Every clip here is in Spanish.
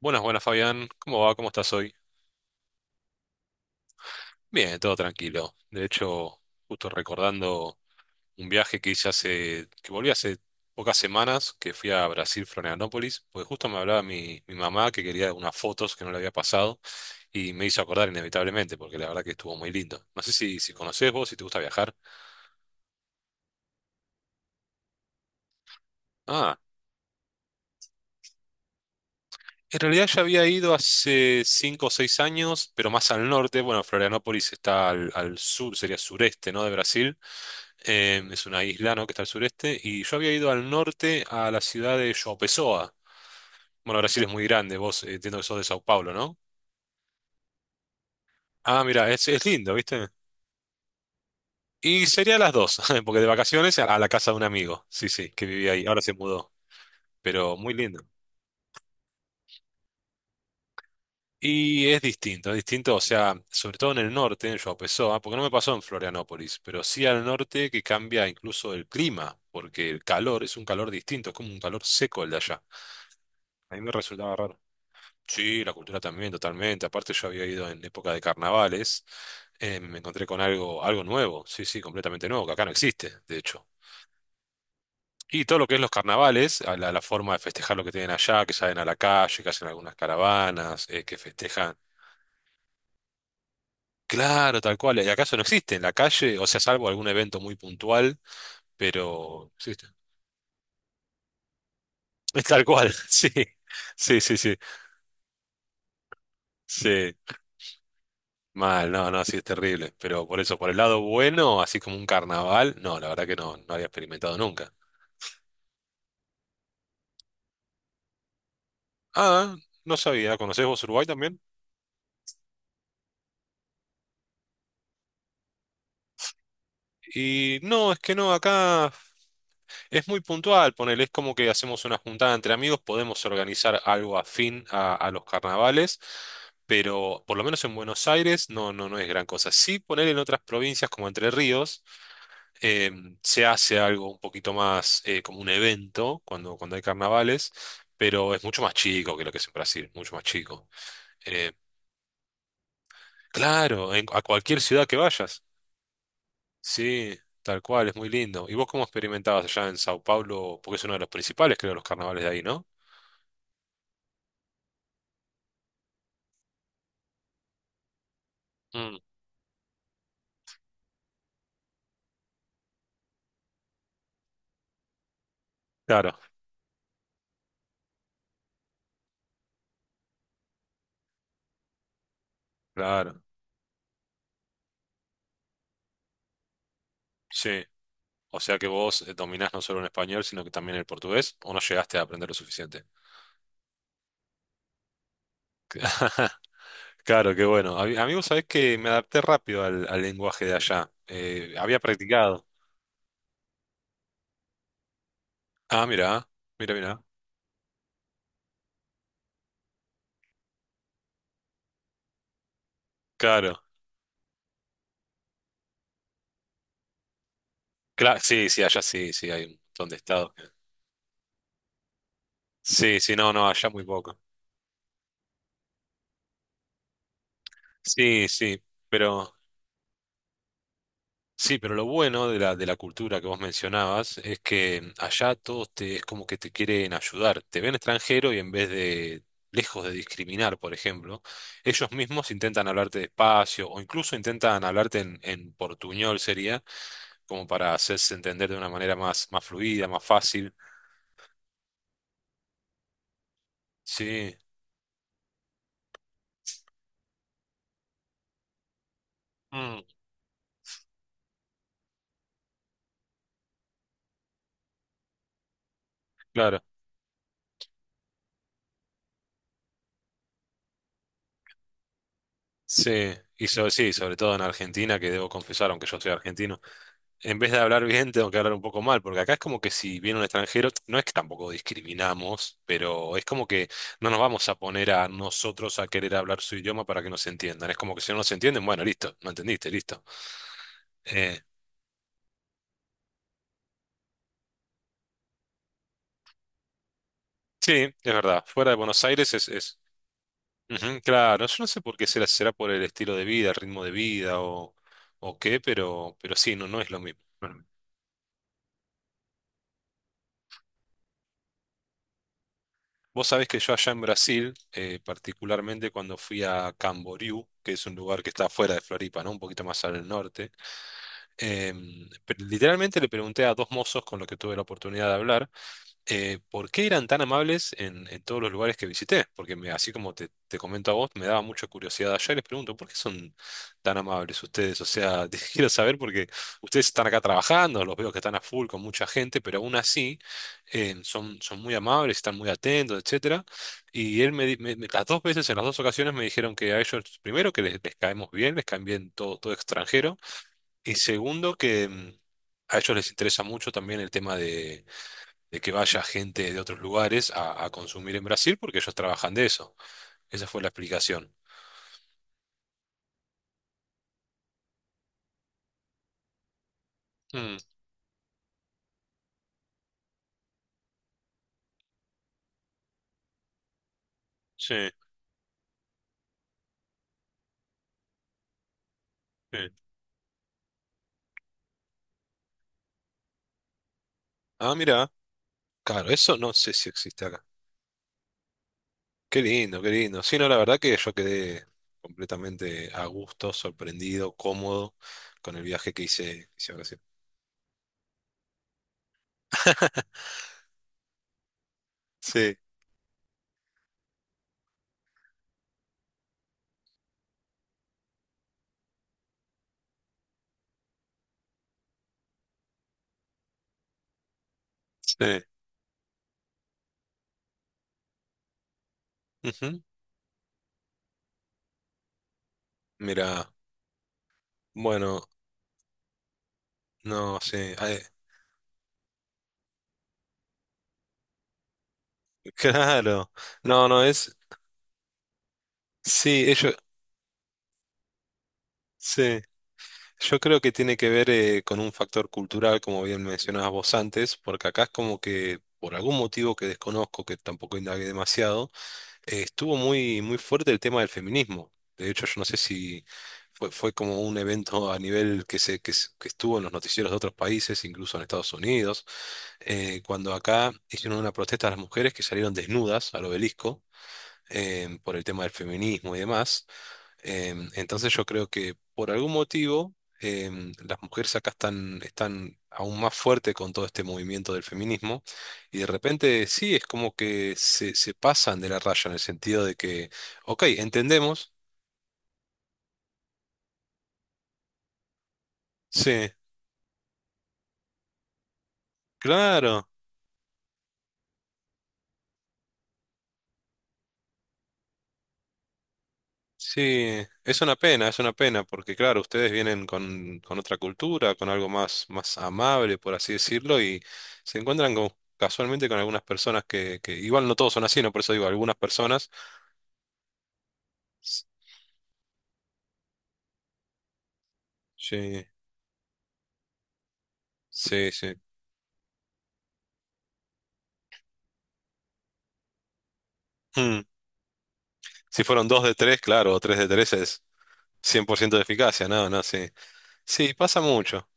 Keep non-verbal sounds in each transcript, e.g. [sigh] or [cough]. Buenas, buenas Fabián, ¿cómo va? ¿Cómo estás hoy? Bien, todo tranquilo. De hecho, justo recordando un viaje que hice que volví hace pocas semanas, que fui a Brasil, Florianópolis, porque justo me hablaba mi mamá que quería unas fotos que no le había pasado y me hizo acordar inevitablemente, porque la verdad que estuvo muy lindo. No sé si conocés vos, si te gusta viajar. Ah, en realidad ya había ido hace 5 o 6 años, pero más al norte. Bueno, Florianópolis está al sur, sería sureste, ¿no? De Brasil. Es una isla, ¿no? Que está al sureste, y yo había ido al norte a la ciudad de João Pessoa. Bueno, Brasil es muy grande, vos, entiendo que sos de Sao Paulo, ¿no? Ah, mira, es lindo, ¿viste? Y sería las dos, [laughs] porque de vacaciones a la casa de un amigo, sí, sí, que vivía ahí, ahora se mudó, pero muy lindo. Y es distinto, o sea, sobre todo en el norte, en João Pessoa, porque no me pasó en Florianópolis, pero sí al norte que cambia incluso el clima, porque el calor es un calor distinto, es como un calor seco el de allá. A mí me resultaba raro. Sí, la cultura también, totalmente. Aparte, yo había ido en época de carnavales. Me encontré con algo nuevo, sí, sí, completamente nuevo, que acá no existe, de hecho. Y todo lo que es los carnavales, a la forma de festejar lo que tienen allá, que salen a la calle, que hacen algunas caravanas, que festejan. Claro, tal cual. Y acaso no existe en la calle, o sea, salvo algún evento muy puntual, pero existe. [laughs] Es tal cual, [laughs] sí, sí, sí, sí, sí. Mal, no, no, sí es terrible. Pero por eso, por el lado bueno, así como un carnaval, no, la verdad que no, no había experimentado nunca. Ah, no sabía, ¿conocés vos Uruguay también? Y no, es que no, acá es muy puntual, ponele, es como que hacemos una juntada entre amigos, podemos organizar algo afín a los carnavales, pero por lo menos en Buenos Aires no, no, no es gran cosa. Sí, poner en otras provincias como Entre Ríos. Se hace algo un poquito más, como un evento cuando hay carnavales, pero es mucho más chico que lo que es en Brasil, mucho más chico. Eh, claro, a cualquier ciudad que vayas. Sí, tal cual, es muy lindo. ¿Y vos cómo experimentabas allá en Sao Paulo? Porque es uno de los principales, creo, los carnavales de ahí, ¿no? Mm, claro, claro, sí. O sea que vos, dominás no solo el español, sino que también el portugués, o no llegaste a aprender lo suficiente. [laughs] Claro, qué bueno. A mí, amigo, sabés que me adapté rápido al lenguaje de allá. Había practicado. Ah, mira, mira, mira. Claro. Sí, sí, allá sí, sí, hay un montón de estados. Sí, sí, no, no, allá muy poco. Sí, pero sí, pero lo bueno de la cultura que vos mencionabas es que allá todos te, es como que te quieren ayudar. Te ven extranjero y en vez de, lejos de discriminar, por ejemplo, ellos mismos intentan hablarte despacio o incluso intentan hablarte en portuñol, sería como para hacerse entender de una manera más, más fluida, más fácil. Sí, mm, claro. Sí, y sí, sobre todo en Argentina, que debo confesar, aunque yo soy argentino, en vez de hablar bien, tengo que hablar un poco mal, porque acá es como que si viene un extranjero, no es que tampoco discriminamos, pero es como que no nos vamos a poner a nosotros a querer hablar su idioma para que nos entiendan. Es como que si no nos entienden, bueno, listo, no entendiste, listo. Eh, sí, es verdad, fuera de Buenos Aires es, es. Ujú, claro, yo no sé por qué será, será por el estilo de vida, el ritmo de vida o qué, pero sí, no es lo mismo. No es lo mismo. Vos sabés que yo allá en Brasil, particularmente cuando fui a Camboriú, que es un lugar que está fuera de Floripa, ¿no? Un poquito más al norte. Literalmente le pregunté a dos mozos con los que tuve la oportunidad de hablar, ¿por qué eran tan amables en todos los lugares que visité? Porque así como te comento a vos, me daba mucha curiosidad allá y les pregunto, ¿por qué son tan amables ustedes? O sea, [laughs] te quiero saber porque ustedes están acá trabajando, los veo que están a full con mucha gente, pero aún así, son muy amables, están muy atentos, etcétera. Y él me, di- me- me- las dos veces, en las dos ocasiones me dijeron que a ellos, primero, que les caemos bien, les caen bien todo, todo extranjero, y segundo, que… A ellos les interesa mucho también el tema de que vaya gente de otros lugares a consumir en Brasil porque ellos trabajan de eso. Esa fue la explicación. Mm, sí, sí. Ah, mira, claro, eso no sé si existe acá. Qué lindo, qué lindo. Sí, no, la verdad que yo quedé completamente a gusto, sorprendido, cómodo con el viaje que hice a Brasil. [laughs] Sí, sí. Ujú. Mira, bueno, no sé. Ay, [laughs] claro. No, no es. Sí, ellos. Sí. Yo creo que tiene que ver, con un factor cultural, como bien mencionabas vos antes, porque acá es como que, por algún motivo que desconozco, que tampoco indagué demasiado, estuvo muy, muy fuerte el tema del feminismo. De hecho, yo no sé si fue como un evento a nivel que estuvo en los noticieros de otros países, incluso en Estados Unidos, cuando acá hicieron una protesta a las mujeres que salieron desnudas al obelisco, por el tema del feminismo y demás. Entonces yo creo que por algún motivo, las mujeres acá están aún más fuertes con todo este movimiento del feminismo y de repente sí, es como que se pasan de la raya en el sentido de que, ok, entendemos, sí, claro, sí, es una pena porque claro, ustedes vienen con otra cultura, con algo más, más amable, por así decirlo, y se encuentran casualmente con algunas personas que igual no todos son así, no por eso digo algunas personas. Sí, sí, sí. Hmm. Si fueron dos de tres, claro, o tres de tres es 100% de eficacia, no, no, sí. Sí, pasa mucho.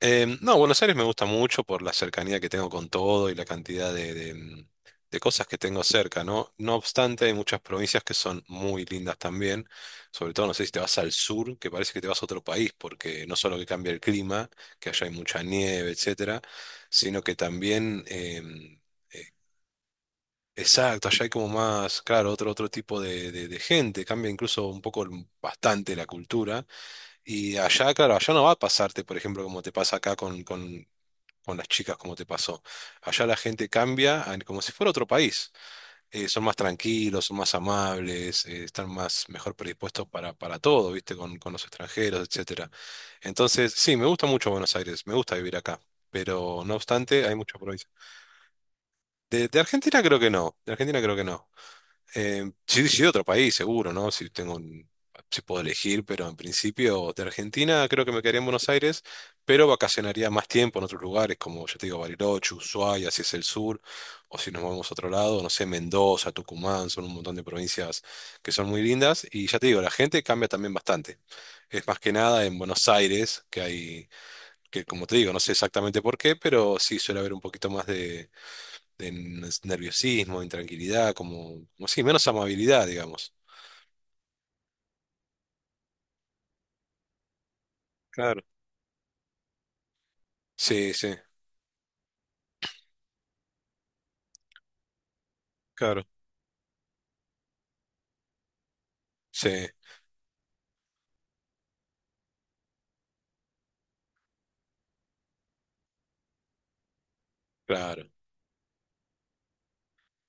No, Buenos Aires me gusta mucho por la cercanía que tengo con todo y la cantidad de cosas que tengo cerca, ¿no? No obstante, hay muchas provincias que son muy lindas también, sobre todo, no sé si te vas al sur, que parece que te vas a otro país, porque no solo que cambia el clima, que allá hay mucha nieve, etcétera, sino que también. eh, Exacto, allá hay como más, claro, otro tipo de gente, cambia incluso un poco bastante la cultura. Y allá, claro, allá no va a pasarte, por ejemplo, como te pasa acá con, con las chicas, como te pasó. Allá la gente cambia como si fuera otro país. Son más tranquilos, son más amables, están más mejor predispuestos para todo, ¿viste? Con los extranjeros, etcétera. Entonces, sí, me gusta mucho Buenos Aires, me gusta vivir acá. Pero no obstante, hay mucha provincia. De Argentina creo que no, de Argentina creo que no. Sí, sí, de otro país, seguro, ¿no? Si tengo si puedo elegir, pero en principio de Argentina creo que me quedaría en Buenos Aires, pero vacacionaría más tiempo en otros lugares, como ya te digo, Bariloche, Ushuaia, si es el sur, o si nos vamos a otro lado, no sé, Mendoza, Tucumán, son un montón de provincias que son muy lindas, y ya te digo, la gente cambia también bastante. Es más que nada en Buenos Aires, que hay, que como te digo, no sé exactamente por qué, pero sí suele haber un poquito más de nerviosismo, de intranquilidad, como sí, menos amabilidad, digamos. Claro. Sí, sí, claro. Sí, claro.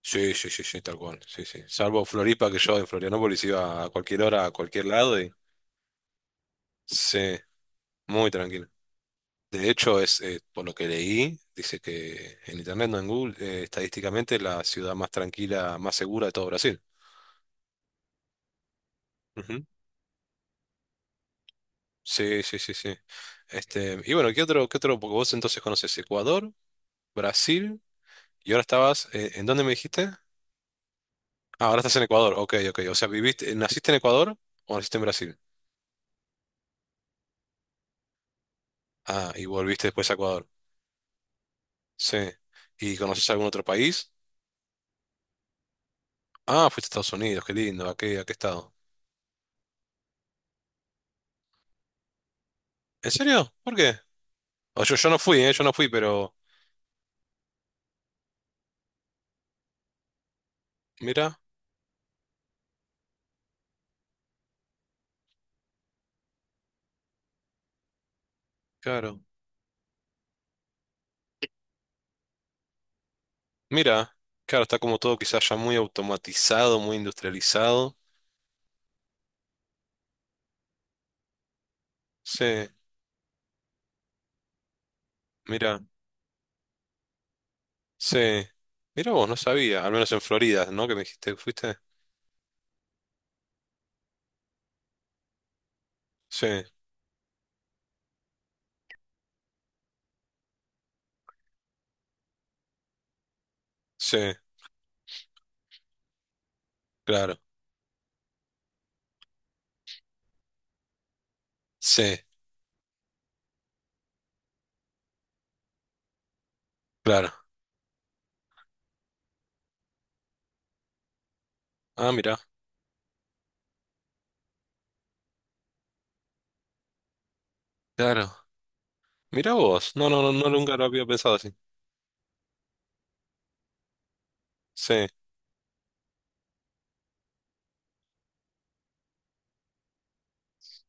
Sí, sí, sí, sí, tal cual. Sí, sí. Salvo Floripa, que yo en Florianópolis iba a cualquier hora, a cualquier lado y sí, muy tranquilo. De hecho, es por lo que leí, dice que en internet, no en Google, estadísticamente es la ciudad más tranquila, más segura de todo Brasil. Ujú. Sí, sí, sí, sí. Y bueno, ¿qué otro, qué otro? Porque vos entonces conoces Ecuador, Brasil. Y ahora estabas, ¿en dónde me dijiste? Ah, ahora estás en Ecuador. Ok, ok. O sea, viviste, ¿naciste en Ecuador o naciste en Brasil? Ah, y volviste después a Ecuador. Sí. ¿Y conoces algún otro país? Ah, fuiste a Estados Unidos, qué lindo. ¿A qué estado? ¿En serio? ¿Por qué? O yo no fui, ¿eh? Yo no fui, pero… Mira, claro. Mira, claro, está como todo quizás ya muy automatizado, muy industrializado. Sí, mira, sí. Mira vos, no sabía, al menos en Florida, ¿no? ¿Que me dijiste, fuiste? Sí, sí, claro. Sí, claro. Ah, mira, claro. Mira vos. No, no, no, no, nunca lo había pensado así. Sí,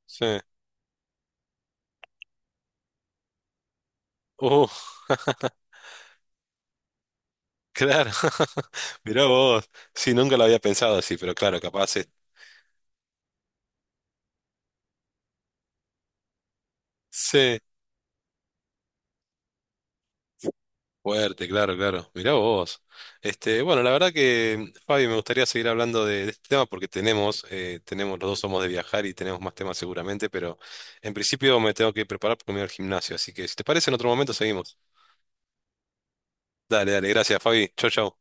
sí. Uh, [laughs] claro. [laughs] Mira vos. Sí, nunca lo había pensado así, pero claro, capaz es. Sí, fuerte, claro, claro. Mira vos. Bueno, la verdad que, Fabi, me gustaría seguir hablando de este tema porque tenemos, los dos somos de viajar y tenemos más temas seguramente, pero en principio me tengo que preparar porque me voy al gimnasio. Así que, si te parece, en otro momento seguimos. Dale, dale, gracias, Fabi. Chau, chau.